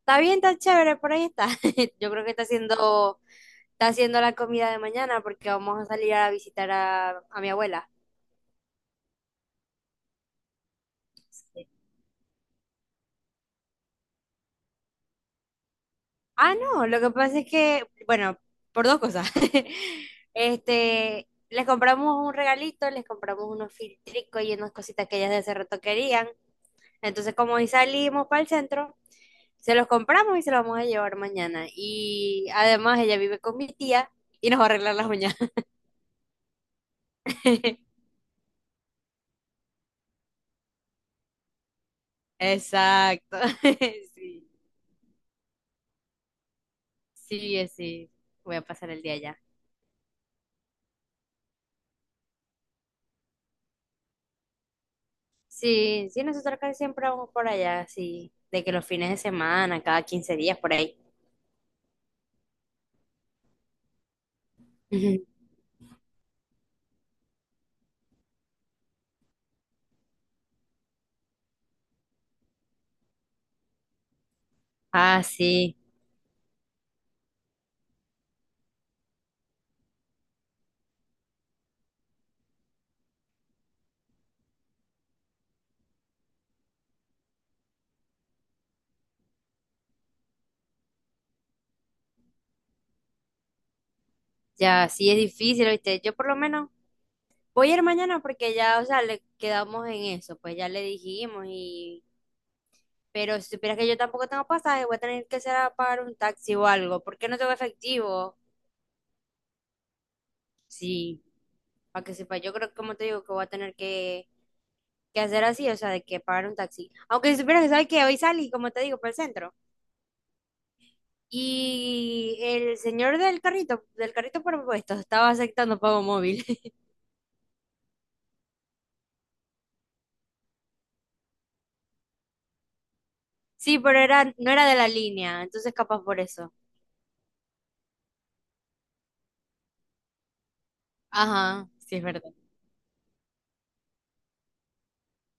Está bien, está chévere, por ahí está. Yo creo que está haciendo la comida de mañana porque vamos a salir a visitar a mi abuela. Ah, no, lo que pasa es que, bueno, por dos cosas. Les compramos un regalito, les compramos unos filtricos y unas cositas que ellas de hace rato querían. Entonces, como hoy salimos para el centro, se los compramos y se los vamos a llevar mañana. Y además ella vive con mi tía y nos va a arreglar las uñas. Exacto. Sí, sí, sí. Voy a pasar el día allá. Sí, sí, nosotros casi siempre vamos por allá, sí. De que los fines de semana, cada 15 días, por ahí. Ujú. Ah, sí. Ya, sí es difícil, ¿viste? Yo por lo menos voy a ir mañana porque ya, o sea, le quedamos en eso, pues ya le dijimos y... Pero si supieras que yo tampoco tengo pasaje, voy a tener que ser a pagar un taxi o algo. ¿Por qué no tengo efectivo? Sí, para que sepa, yo creo que, como te digo, que voy a tener que hacer así, o sea, de que pagar un taxi. Aunque si supieras que sabes que hoy salí, como te digo, para el centro. Y el señor del carrito propuesto, estaba aceptando pago móvil. Sí, pero no era de la línea, entonces capaz por eso. Ajá, sí es verdad.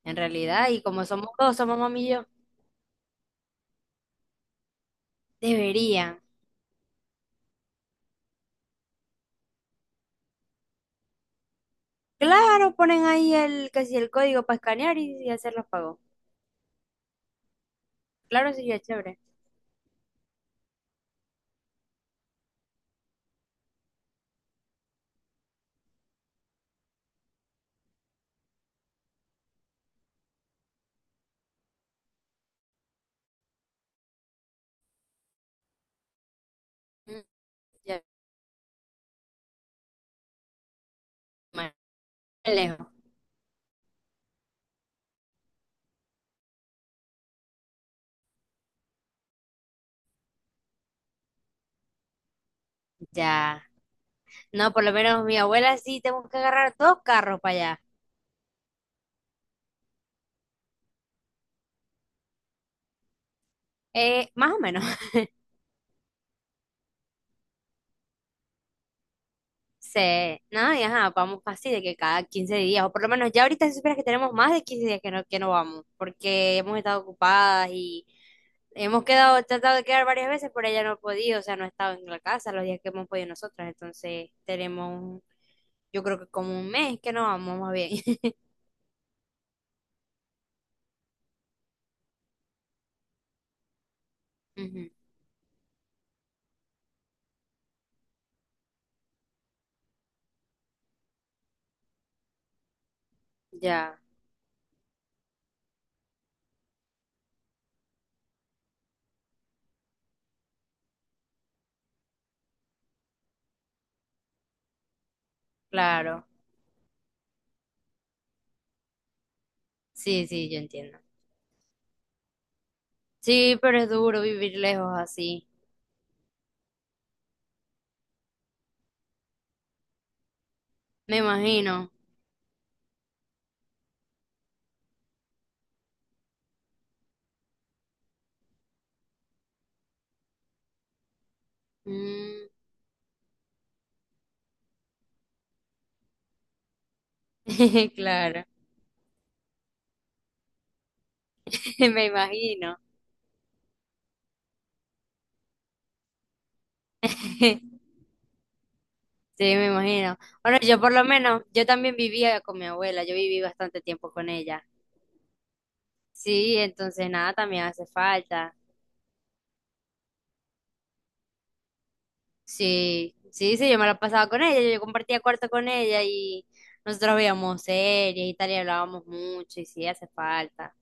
En realidad, y como somos dos, somos mami y yo, deberían. Claro, ponen ahí casi el código para escanear y hacer los pagos. Claro, sí, ya chévere. Mm, ya, bueno, lejos. Ya. No, por lo menos mi abuela sí tengo que agarrar dos carros para allá. Más o menos, se, nada, y ajá, vamos casi de que cada 15 días, o por lo menos ya ahorita si supieras que tenemos más de 15 días que no vamos, porque hemos estado ocupadas y hemos quedado, tratado de quedar varias veces, pero ella no ha podido, o sea, no ha estado en la casa los días que hemos podido nosotras, entonces tenemos, yo creo que como un mes que no vamos más bien. Ujú, ya, claro, sí, sí, yo entiendo. Sí, pero es duro vivir lejos así, me imagino. Mm, claro, me imagino. Sí, me imagino. Bueno, yo por lo menos, yo también vivía con mi abuela, yo viví bastante tiempo con ella. Sí, entonces nada, también hace falta. Sí, sí, sí, yo me la pasaba con ella, yo compartía cuarto con ella y nosotros veíamos series y tal y hablábamos mucho y sí, hace falta.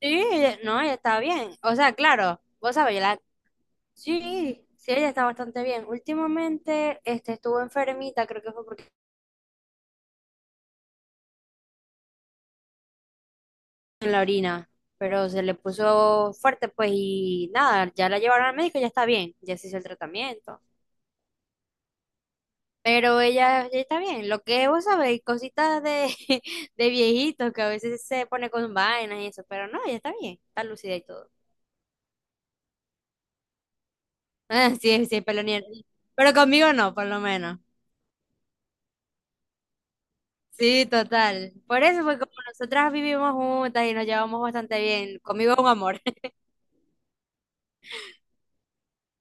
Sí, no, ella estaba bien. O sea, claro, vos sabés, yo la... Sí, sí, ella está bastante bien. Últimamente, estuvo enfermita, creo que fue porque en la orina, pero se le puso fuerte, pues, y nada, ya la llevaron al médico, ya está bien, ya se hizo el tratamiento. Pero ella ya está bien. Lo que vos sabéis, cositas de, de viejitos que a veces se pone con vainas y eso, pero no, ya está bien, está lúcida y todo. Ah, sí, sí, pelonier. Pero conmigo no, por lo menos. Sí, total. Por eso fue como nosotras vivimos juntas y nos llevamos bastante bien. Conmigo es un amor.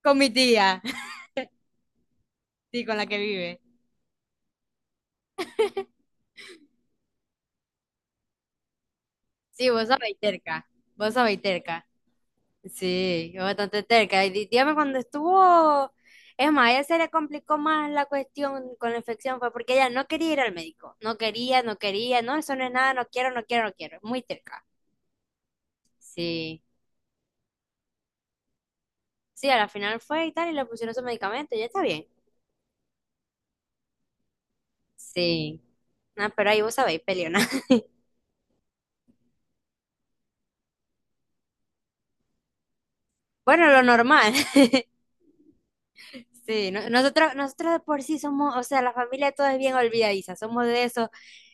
Con mi tía, sí, con la que vive. Sí, vos sabéis terca. Vos sabéis terca. Sí, es bastante terca. Y dígame cuando estuvo, es más, a ella se le complicó más la cuestión con la infección, fue porque ella no quería ir al médico, no, eso no es nada, no quiero, es muy terca. Sí, sí, a la final fue y tal, y le pusieron su medicamento, ya está bien. Sí, no, pero ahí vos sabéis, peleona. Bueno, lo normal. Sí, nosotros de por sí somos, o sea, la familia todo es bien olvidadiza, somos de eso.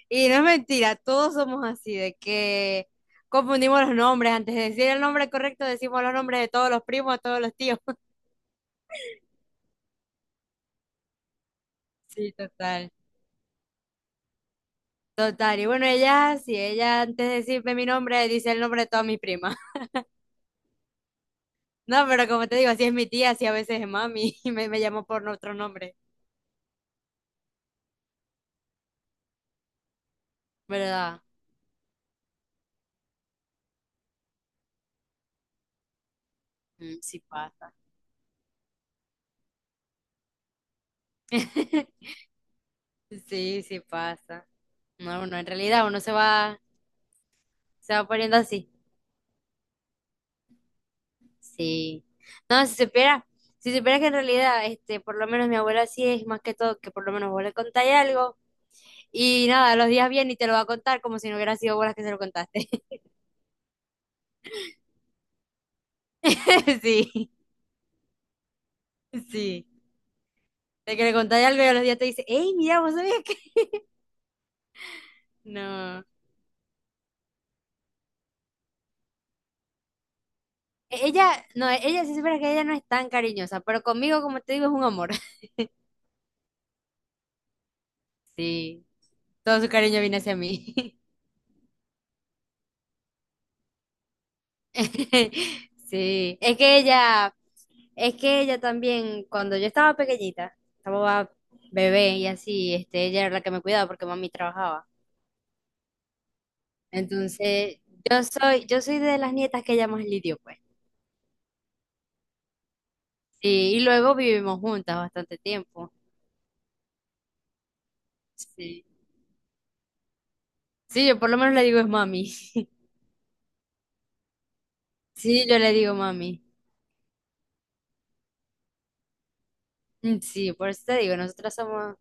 Y no es mentira, todos somos así, de que confundimos los nombres. Antes de decir el nombre correcto, decimos los nombres de todos los primos, de todos los tíos. Sí, total. Total. Y bueno, ella, si ella antes de decirme mi nombre, dice el nombre de todas mis primas. No, pero como te digo, así es mi tía, así a veces es mami, y me llamó por otro nombre. ¿Verdad? Mm, sí pasa. Sí, sí pasa. No, uno en realidad se va poniendo así. Sí. No, si supiera que en realidad, por lo menos mi abuela sí es más que todo que por lo menos vos le contáis algo y nada, los días bien y te lo va a contar como si no hubiera sido vos las que se lo contaste. Sí, sí. De que le contáis algo y a los días te dice, hey, mira, vos sabías que... No. Ella, no, ella sí supiera que ella no es tan cariñosa, pero conmigo, como te digo, es un amor. Sí. Todo su cariño viene hacia mí. Sí. Es que ella también, cuando yo estaba pequeñita, estaba bebé y así, ella era la que me cuidaba porque mami trabajaba. Entonces, yo soy de las nietas que ella más lidió, pues. Sí, y luego vivimos juntas bastante tiempo. Sí. Sí, yo por lo menos le digo es mami. Sí, yo le digo mami. Mm, sí, por eso te digo, nosotras somos...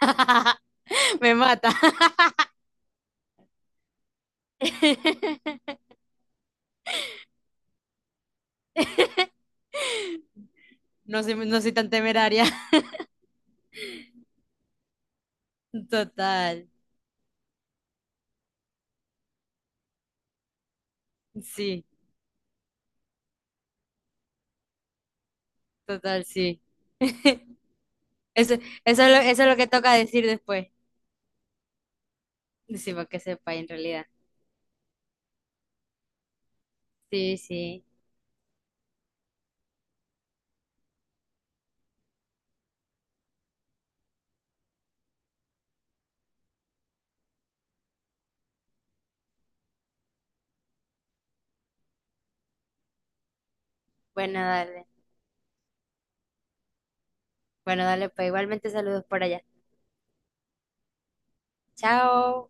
Me mata. No soy tan temeraria. Total, sí, total, sí. Eso, es eso es lo que toca decir después. Sí, para que sepa en realidad. Sí, sí. Bueno, dale. Bueno, dale, pues igualmente saludos por allá. Chao.